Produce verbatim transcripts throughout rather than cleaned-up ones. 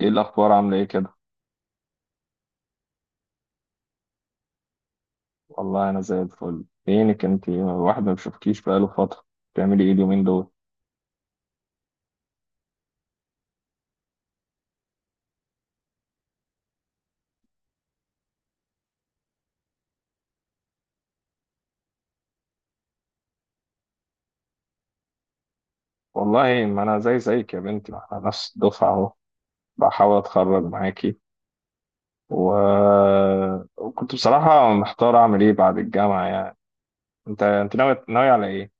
ايه الاخبار، عامله ايه كده؟ والله انا زي الفل. فينك انت، الواحد ما بيشوفكيش بقاله فتره. بتعملي ايه اليومين دول؟ والله ما انا زي زيك يا بنتي، ما احنا نفس الدفعه اهو. بحاول اتخرج معاكي و... وكنت بصراحه محتار اعمل ايه بعد الجامعه يعني. انت انت ناوي ناوي على ايه؟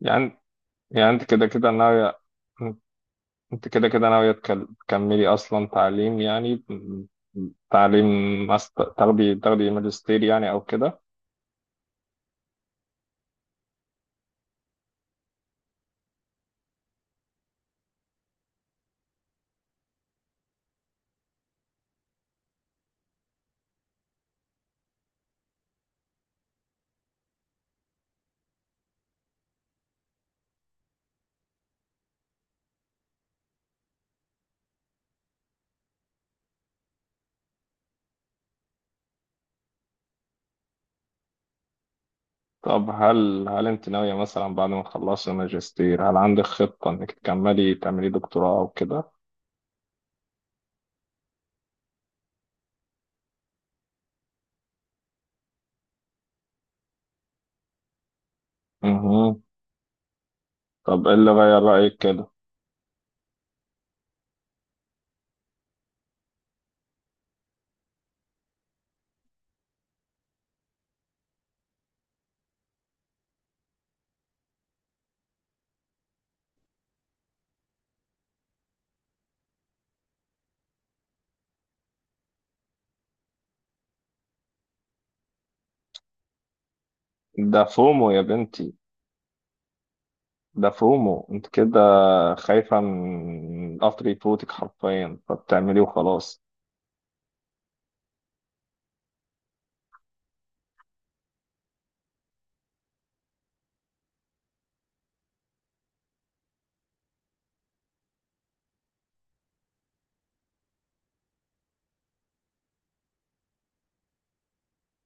يعني يعني انت كده كده ناوي. انت كده كده ناويه تكل- تكملي اصلا تعليم يعني. تعليم، ماستر، تاخدي تاخدي ماجستير يعني او كده. طب هل هل انت ناوية مثلا بعد ما تخلصي ماجستير هل عندك خطة انك تكملي تعملي دكتوراه او كده؟ مهم. طب ايه اللي غير رأيك كده؟ ده فومو يا بنتي، ده فومو انت كده، خايفة من قطر يفوتك حرفيا فبتعمليه وخلاص.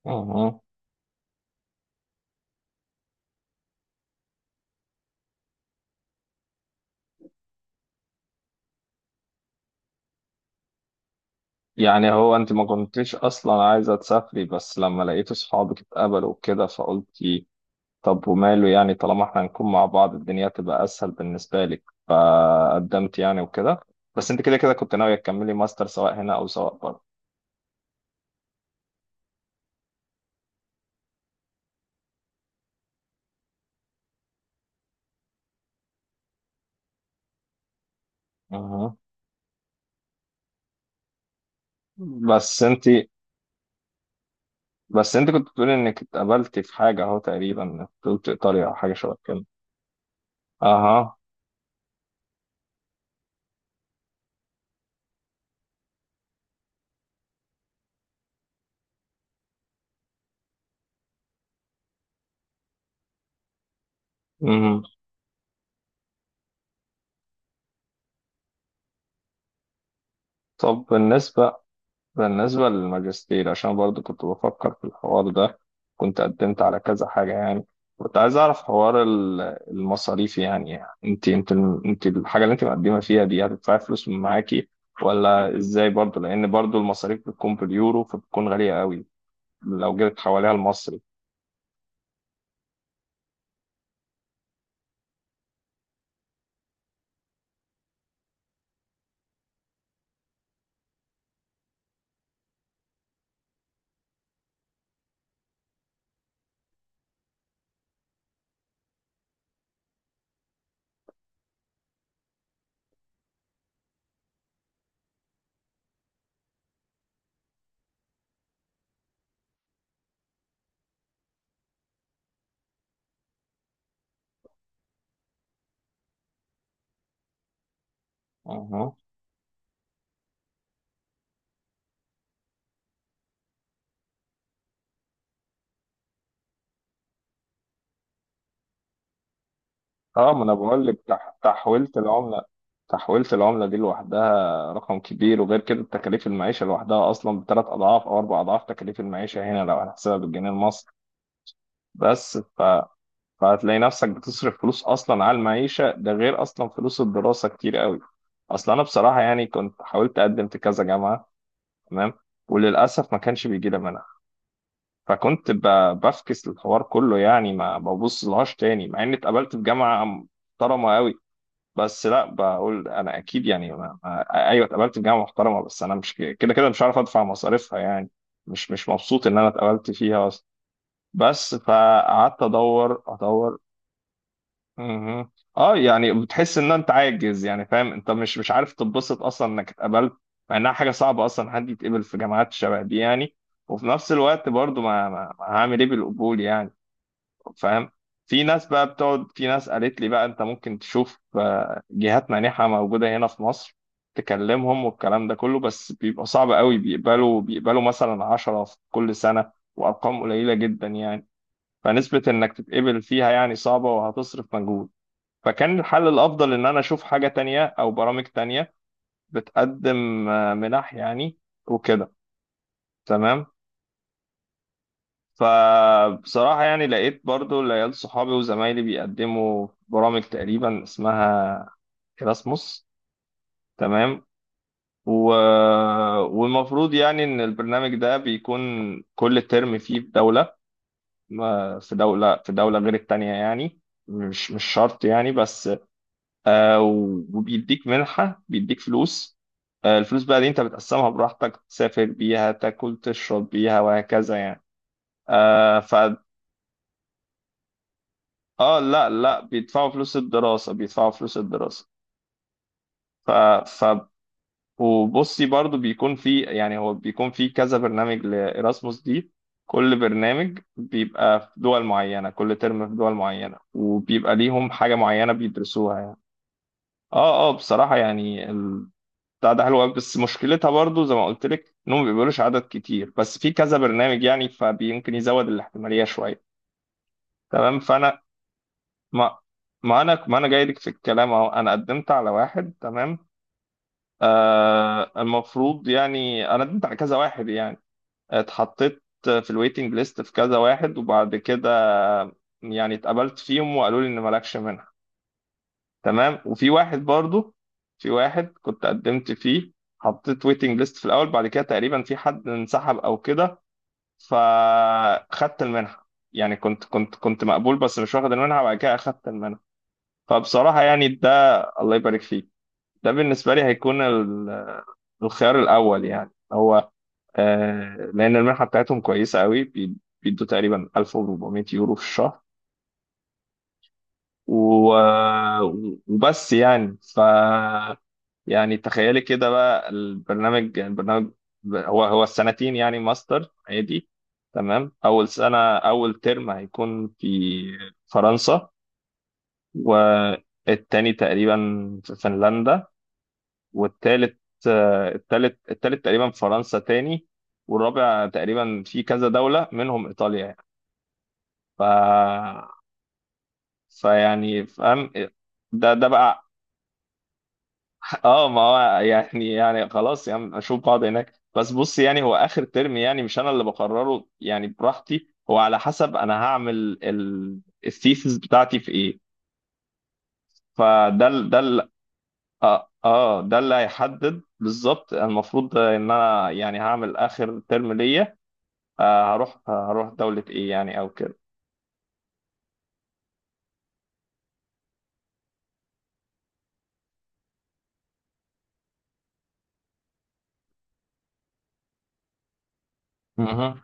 مهم. يعني هو انت ما كنتيش اصلا عايزة تسافري، بس لما لقيت صحابك اتقبلوا وكده فقلت طب وماله يعني، طالما احنا هنكون مع بعض الدنيا تبقى اسهل بالنسبه لك، فقدمت يعني وكده. بس انت كده كده كنت ناويه تكملي ماستر سواء هنا او سواء بره. أها. بس انت بس انت كنت بتقولي انك اتقبلتي في حاجه اهو، تقريبا قلت ايطاليا او حاجه شبه كده. اها. أمم. طب بالنسبه بالنسبة للماجستير، عشان برضو كنت بفكر في الحوار ده، كنت قدمت على كذا حاجة يعني. كنت عايز أعرف حوار ال- المصاريف يعني. أنت أنت أنت الحاجة اللي أنت مقدمة فيها دي هتدفعي فلوس من معاكي ولا إزاي؟ برضو لأن برضو المصاريف بتكون باليورو فبتكون غالية قوي لو جيت حواليها المصري. اه، ما انا بقول لك، تح- تحويلة العملة، تحويلة العملة دي لوحدها رقم كبير. وغير كده تكاليف المعيشة لوحدها اصلا بثلاث اضعاف او اربع اضعاف تكاليف المعيشة هنا لو هنحسبها بالجنيه المصري. بس ف... فهتلاقي نفسك بتصرف فلوس اصلا على المعيشة، ده غير اصلا فلوس الدراسة كتير قوي. اصلا انا بصراحة يعني كنت حاولت اقدم في كذا جامعة، تمام، وللاسف ما كانش بيجي لي منها. فكنت ب- بفكس الحوار كله يعني، ما ببص لهاش تاني مع اني اتقابلت في جامعة محترمة قوي. بس لا، بقول انا اكيد يعني ما... ما- ايوه اتقبلت في جامعه محترمه، بس انا مش ك- كده كده مش عارف ادفع مصاريفها يعني، مش مش مبسوط ان انا اتقبلت فيها اصلا، بس فقعدت ادور ادور. مهم. اه، يعني بتحس ان انت عاجز يعني، فاهم، انت مش مش عارف تتبسط اصلا انك اتقبلت مع انها حاجه صعبه اصلا حد يتقبل في جامعات شبه دي يعني. وفي نفس الوقت برضو ما, ما... ما هعمل ايه بالقبول يعني، فاهم. في ناس بقى بتقعد، في ناس قالت لي بقى انت ممكن تشوف آه، جهات مانحة موجودة هنا في مصر، تكلمهم والكلام ده كله. بس بيبقى صعب قوي، بيقبلوا بيقبلوا مثلا عشرة في كل سنة وأرقام قليلة جدا يعني، فنسبة إنك تتقبل فيها يعني صعبة وهتصرف مجهود. فكان الحل الأفضل إن أنا أشوف حاجة تانية أو برامج تانية بتقدم آه، منح يعني وكده. تمام، فبصراحة يعني لقيت برضو العيال صحابي وزمايلي بيقدموا برامج تقريبا اسمها إراسموس، تمام، و... والمفروض يعني إن البرنامج ده بيكون كل ترم فيه في دولة، ما- في دولة في دولة غير التانية يعني. مش مش شرط يعني، بس آه، و- وبيديك منحة، بيديك فلوس. آه، الفلوس بقى دي انت بتقسمها براحتك، تسافر بيها، تاكل تشرب بيها، وهكذا يعني. اه، لا لا، بيدفعوا فلوس الدراسة، بيدفعوا فلوس الدراسة. ف. ف. وبصي برضو بيكون في، يعني هو بيكون في كذا برنامج لإراسموس دي. كل برنامج بيبقى في دول معينة، كل ترم في دول معينة، وبيبقى ليهم حاجة معينة بيدرسوها يعني. اه اه، بصراحة يعني ال- بتاع ده حلو أوي، بس مشكلتها برضو زي ما قلت لك انهم ما بيقبلوش عدد كتير، بس في كذا برنامج يعني فبيمكن يزود الاحتمالية شوية. تمام، فانا، ما، ما انا ما انا جاي لك في الكلام اهو. انا قدمت على واحد، تمام، آه المفروض يعني انا قدمت على كذا واحد يعني. اتحطيت في الويتنج ليست في كذا واحد، وبعد كده يعني اتقبلت فيهم وقالوا لي ان مالكش منها، تمام. وفي واحد برضو، في واحد كنت قدمت فيه، حطيت ويتنج ليست في الاول، بعد كده تقريبا في حد انسحب او كده فخدت المنحه. يعني كنت كنت كنت مقبول بس مش واخد المنحه، بعد كده اخدت المنحه. فبصراحة يعني ده، الله يبارك فيك، ده بالنسبة لي هيكون ال- الخيار الأول يعني. هو آه لأن المنحة بتاعتهم كويسة قوي، بي- بيدوا تقريبا ألف وأربعمية يورو في الشهر، و- و- وبس يعني ف. يعني تخيلي كده بقى، البرنامج البرنامج، ب- هو هو السنتين، يعني ماستر عادي، تمام. أول سنة، أول ترم، هيكون في فرنسا. والتاني تقريبا في فنلندا. والتالت آه، التالت التالت تقريبا فرنسا تاني. والرابع تقريبا في كذا دولة منهم إيطاليا يعني. ف، فيعني فاهم. ده ده بقى. اه، ما هو يعني يعني خلاص يعني اشوف بعض هناك. بس بص يعني هو اخر ترم يعني مش انا اللي بقرره يعني براحتي، هو على حسب انا هعمل ال- الثيسز بتاعتي في ايه. فده ال- ده ال- اه آه، ده اللي هيحدد بالظبط. المفروض ان انا يعني هعمل اخر ترم ليا آه هروح هروح دولة ايه يعني او كده. مهم.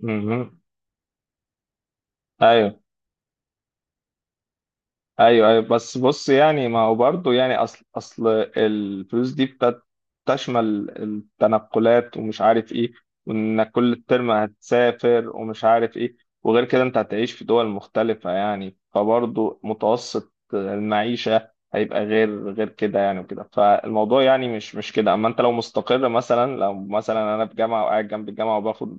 مهم. ايوه ايوه ايوه، بس بص يعني، ما هو برضه يعني، اصل اصل الفلوس دي بت- بتشمل التنقلات ومش عارف ايه، وانك كل ترم هتسافر ومش عارف ايه. وغير كده انت هتعيش في دول مختلفة يعني، فبرضه متوسط المعيشة هيبقى غير غير كده يعني وكده، فالموضوع يعني مش مش كده. اما انت لو مستقر، مثلا لو مثلا انا في جامعة وقاعد جنب الجامعة وباخد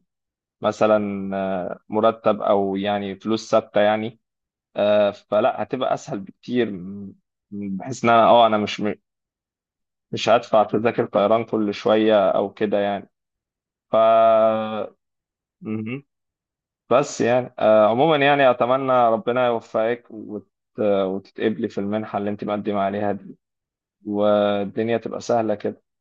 مثلا آه، مرتب او يعني فلوس ثابته يعني، آه، فلا هتبقى اسهل بكتير م- م- بحيث ان انا اه انا مش م- مش هدفع تذاكر طيران كل شويه او كده يعني. ف. مهم. بس يعني آه، عموما يعني اتمنى ربنا يوفقك وت... وتتقبلي في المنحه اللي انت مقدمه عليها دي، والدنيا تبقى سهله كده.